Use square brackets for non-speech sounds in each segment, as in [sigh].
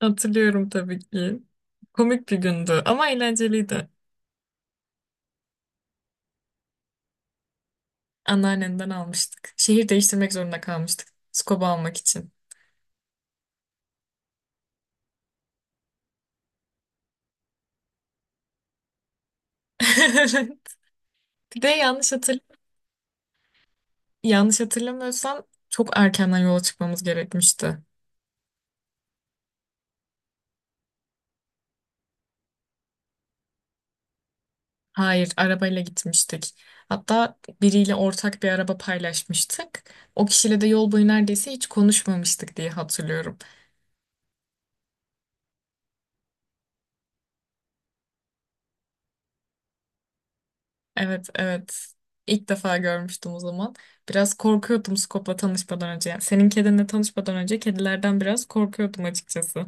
Hatırlıyorum tabii ki. Komik bir gündü ama eğlenceliydi. Anneannemden almıştık. Şehir değiştirmek zorunda kalmıştık. Skoba almak için. [laughs] Bir de yanlış hatırlamıyorsam çok erkenden yola çıkmamız gerekmişti. Hayır, arabayla gitmiştik. Hatta biriyle ortak bir araba paylaşmıştık. O kişiyle de yol boyu neredeyse hiç konuşmamıştık diye hatırlıyorum. Evet, evet. İlk defa görmüştüm o zaman. Biraz korkuyordum Skop'la tanışmadan önce. Yani senin kedinle tanışmadan önce kedilerden biraz korkuyordum açıkçası.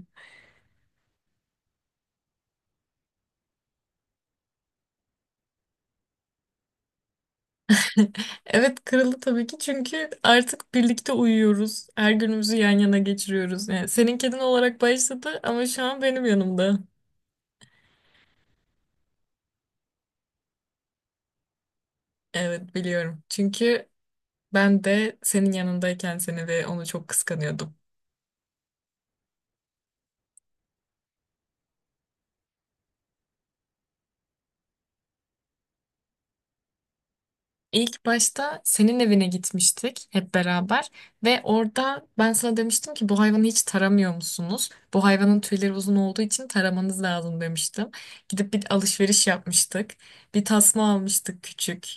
[laughs] Evet, kırıldı tabii ki çünkü artık birlikte uyuyoruz. Her günümüzü yan yana geçiriyoruz. Yani senin kedin olarak başladı ama şu an benim yanımda. Evet, biliyorum. Çünkü ben de senin yanındayken seni ve onu çok kıskanıyordum. İlk başta senin evine gitmiştik hep beraber ve orada ben sana demiştim ki bu hayvanı hiç taramıyor musunuz? Bu hayvanın tüyleri uzun olduğu için taramanız lazım demiştim. Gidip bir alışveriş yapmıştık. Bir tasma almıştık küçük.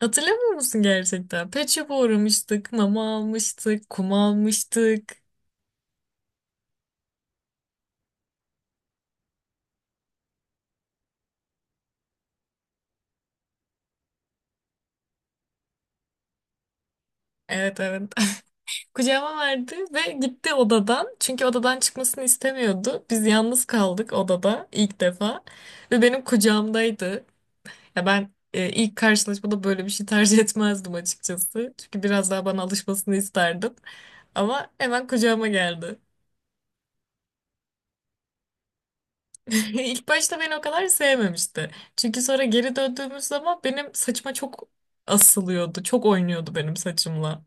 Hatırlamıyor musun gerçekten? Pet shop'a uğramıştık, mama almıştık, kum almıştık. Evet evet. [laughs] Kucağıma verdi ve gitti odadan. Çünkü odadan çıkmasını istemiyordu. Biz yalnız kaldık odada ilk defa. Ve benim kucağımdaydı. Ya ben ilk karşılaşmada böyle bir şey tercih etmezdim açıkçası. Çünkü biraz daha bana alışmasını isterdim. Ama hemen kucağıma geldi. [laughs] İlk başta beni o kadar sevmemişti. Çünkü sonra geri döndüğümüz zaman benim saçıma çok asılıyordu. Çok oynuyordu benim saçımla.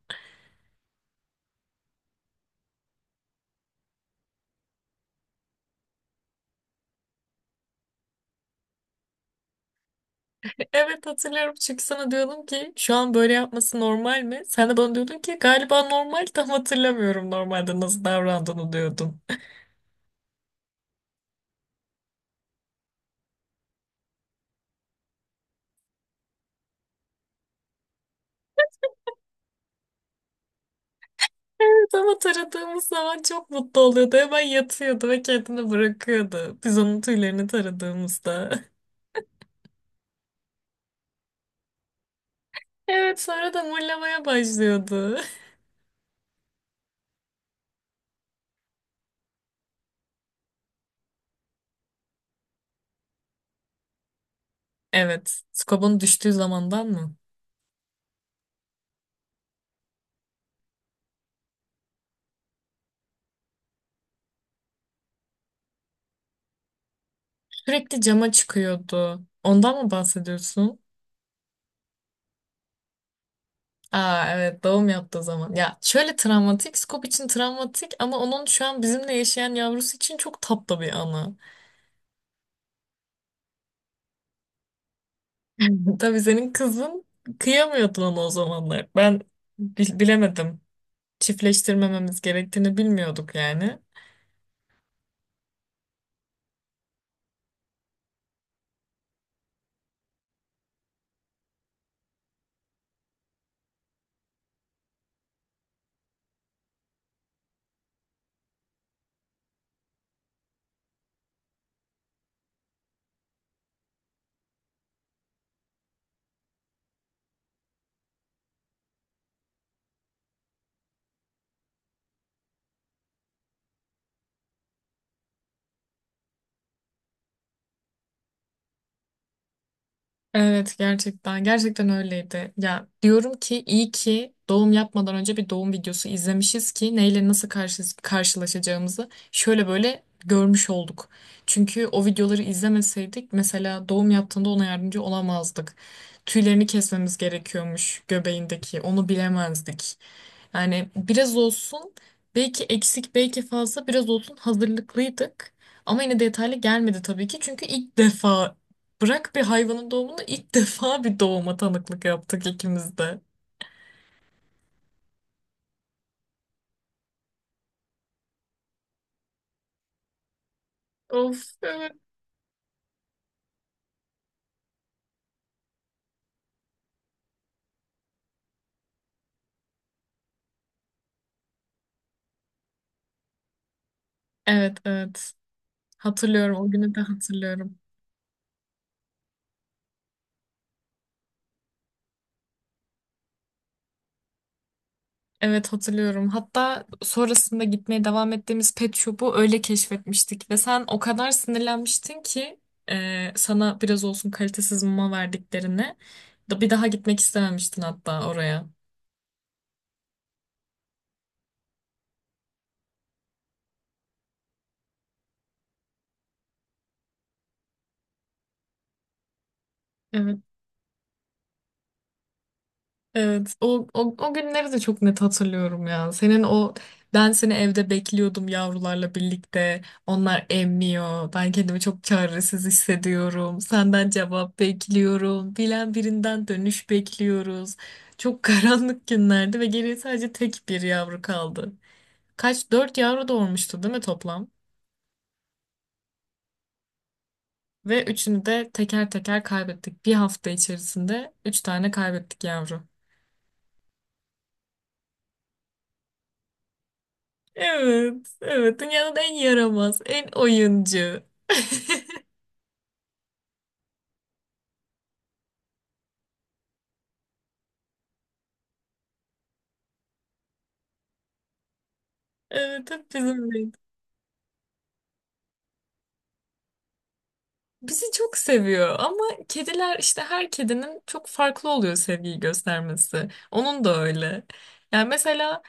Evet hatırlıyorum çünkü sana diyordum ki şu an böyle yapması normal mi? Sen de bana diyordun ki galiba normal, [laughs] tam hatırlamıyorum normalde nasıl davrandığını diyordun. Evet ama taradığımız zaman çok mutlu oluyordu. Hemen yatıyordu ve kendini bırakıyordu. Biz onun tüylerini taradığımızda. [laughs] Evet sonra da mırlamaya başlıyordu. [laughs] Evet. Skobun düştüğü zamandan mı? Sürekli cama çıkıyordu. Ondan mı bahsediyorsun? Aa evet doğum yaptığı zaman. Ya şöyle travmatik. Skob için travmatik ama onun şu an bizimle yaşayan yavrusu için çok tatlı bir anı. [laughs] Tabii senin kızın kıyamıyordu ona o zamanlar. Ben bilemedim. Çiftleştirmememiz gerektiğini bilmiyorduk yani. Evet, gerçekten gerçekten öyleydi. Ya diyorum ki iyi ki doğum yapmadan önce bir doğum videosu izlemişiz ki neyle nasıl karşılaşacağımızı şöyle böyle görmüş olduk. Çünkü o videoları izlemeseydik mesela doğum yaptığında ona yardımcı olamazdık. Tüylerini kesmemiz gerekiyormuş göbeğindeki, onu bilemezdik. Yani biraz olsun, belki eksik belki fazla, biraz olsun hazırlıklıydık. Ama yine detaylı gelmedi tabii ki çünkü ilk defa, bırak bir hayvanın doğumunu, ilk [laughs] defa bir doğuma tanıklık yaptık ikimiz de. Of evet. Evet evet. Hatırlıyorum, o günü de hatırlıyorum. Evet hatırlıyorum. Hatta sonrasında gitmeye devam ettiğimiz pet shop'u öyle keşfetmiştik ve sen o kadar sinirlenmiştin ki sana biraz olsun kalitesiz mama verdiklerini. Bir daha gitmek istememiştin hatta oraya. Evet. Evet, o günleri de çok net hatırlıyorum ya. Senin o, ben seni evde bekliyordum yavrularla birlikte. Onlar emmiyor. Ben kendimi çok çaresiz hissediyorum. Senden cevap bekliyorum. Bilen birinden dönüş bekliyoruz. Çok [laughs] karanlık günlerdi ve geriye sadece tek bir yavru kaldı. Kaç? Dört yavru doğurmuştu değil mi toplam? Ve üçünü de teker teker kaybettik. Bir hafta içerisinde üç tane kaybettik yavru. Evet, evet. Dünyanın en yaramaz, en oyuncu. [laughs] Evet, hep bizimleydi. Bizi çok seviyor ama kediler işte, her kedinin çok farklı oluyor sevgiyi göstermesi. Onun da öyle. Yani mesela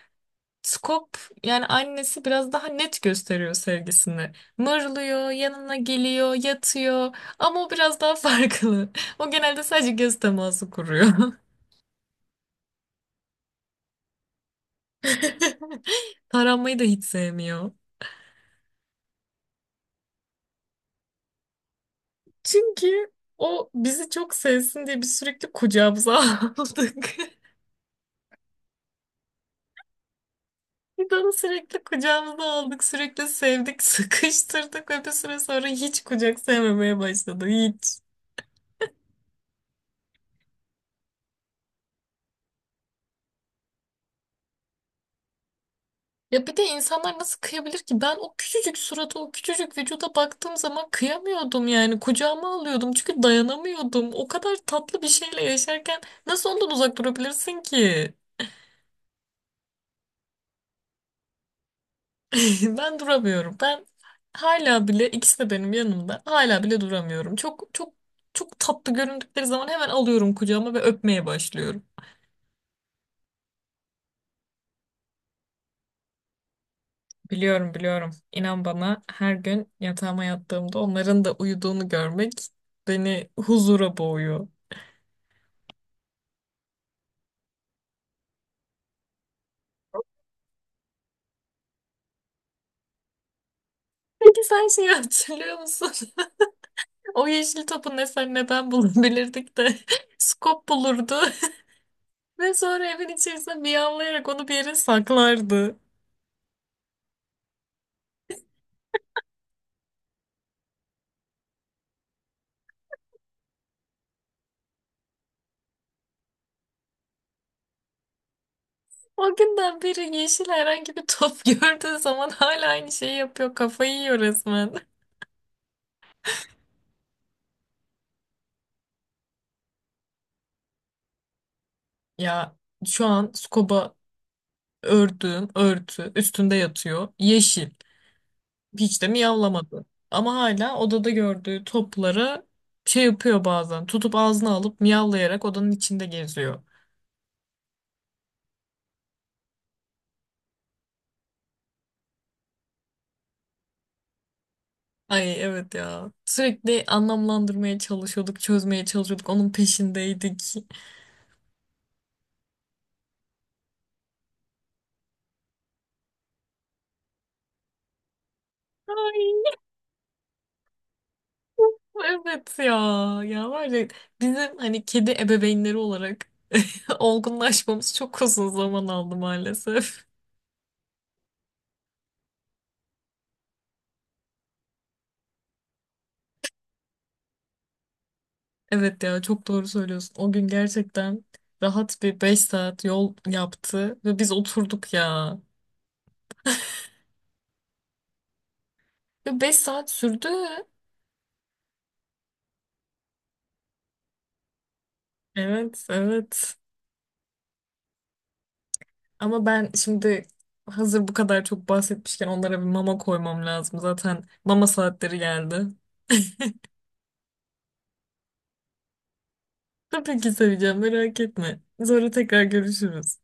Skop, yani annesi, biraz daha net gösteriyor sevgisini. Mırlıyor, yanına geliyor, yatıyor ama o biraz daha [laughs] farklı. O genelde sadece göz teması kuruyor. [laughs] Taranmayı da hiç sevmiyor. Çünkü o bizi çok sevsin diye biz sürekli kucağımıza [laughs] aldık. Biz onu sürekli kucağımıza aldık, sürekli sevdik, [laughs] sıkıştırdık ve bir süre sonra hiç kucak sevmemeye başladı, hiç. Ya bir de insanlar nasıl kıyabilir ki? Ben o küçücük surata, o küçücük vücuda baktığım zaman kıyamıyordum yani. Kucağıma alıyordum çünkü dayanamıyordum. O kadar tatlı bir şeyle yaşarken nasıl ondan uzak durabilirsin ki? [laughs] Ben duramıyorum. Ben hala bile, ikisi de benim yanımda. Hala bile duramıyorum. Çok çok çok tatlı göründükleri zaman hemen alıyorum kucağıma ve öpmeye başlıyorum. Biliyorum, biliyorum. İnan bana, her gün yatağıma yattığımda onların da uyuduğunu görmek beni huzura boğuyor. Peki sen şeyi hatırlıyor musun? [laughs] O yeşil topu ne sen ne ben bulabilirdik de [laughs] Skop bulurdu [laughs] ve sonra evin içerisinde miyavlayarak onu bir yere saklardı. O günden beri yeşil herhangi bir top [laughs] gördüğü zaman hala aynı şeyi yapıyor. Kafayı yiyor resmen. Ya şu an Scoba ördüğüm örtü üstünde yatıyor. Yeşil. Hiç de miyavlamadı. Ama hala odada gördüğü topları şey yapıyor bazen. Tutup ağzına alıp miyavlayarak odanın içinde geziyor. Ay evet ya. Sürekli anlamlandırmaya çalışıyorduk, çözmeye çalışıyorduk. Onun peşindeydik. Ay. Evet ya. Ya var ya, bizim hani kedi ebeveynleri olarak [laughs] olgunlaşmamız çok uzun zaman aldı maalesef. Evet ya, çok doğru söylüyorsun. O gün gerçekten rahat bir 5 saat yol yaptı ve biz oturduk ya. Ve 5 saat sürdü. Evet evet. Ama ben şimdi, hazır bu kadar çok bahsetmişken, onlara bir mama koymam lazım. Zaten mama saatleri geldi. Tabii ki seveceğim, merak etme. Sonra tekrar görüşürüz.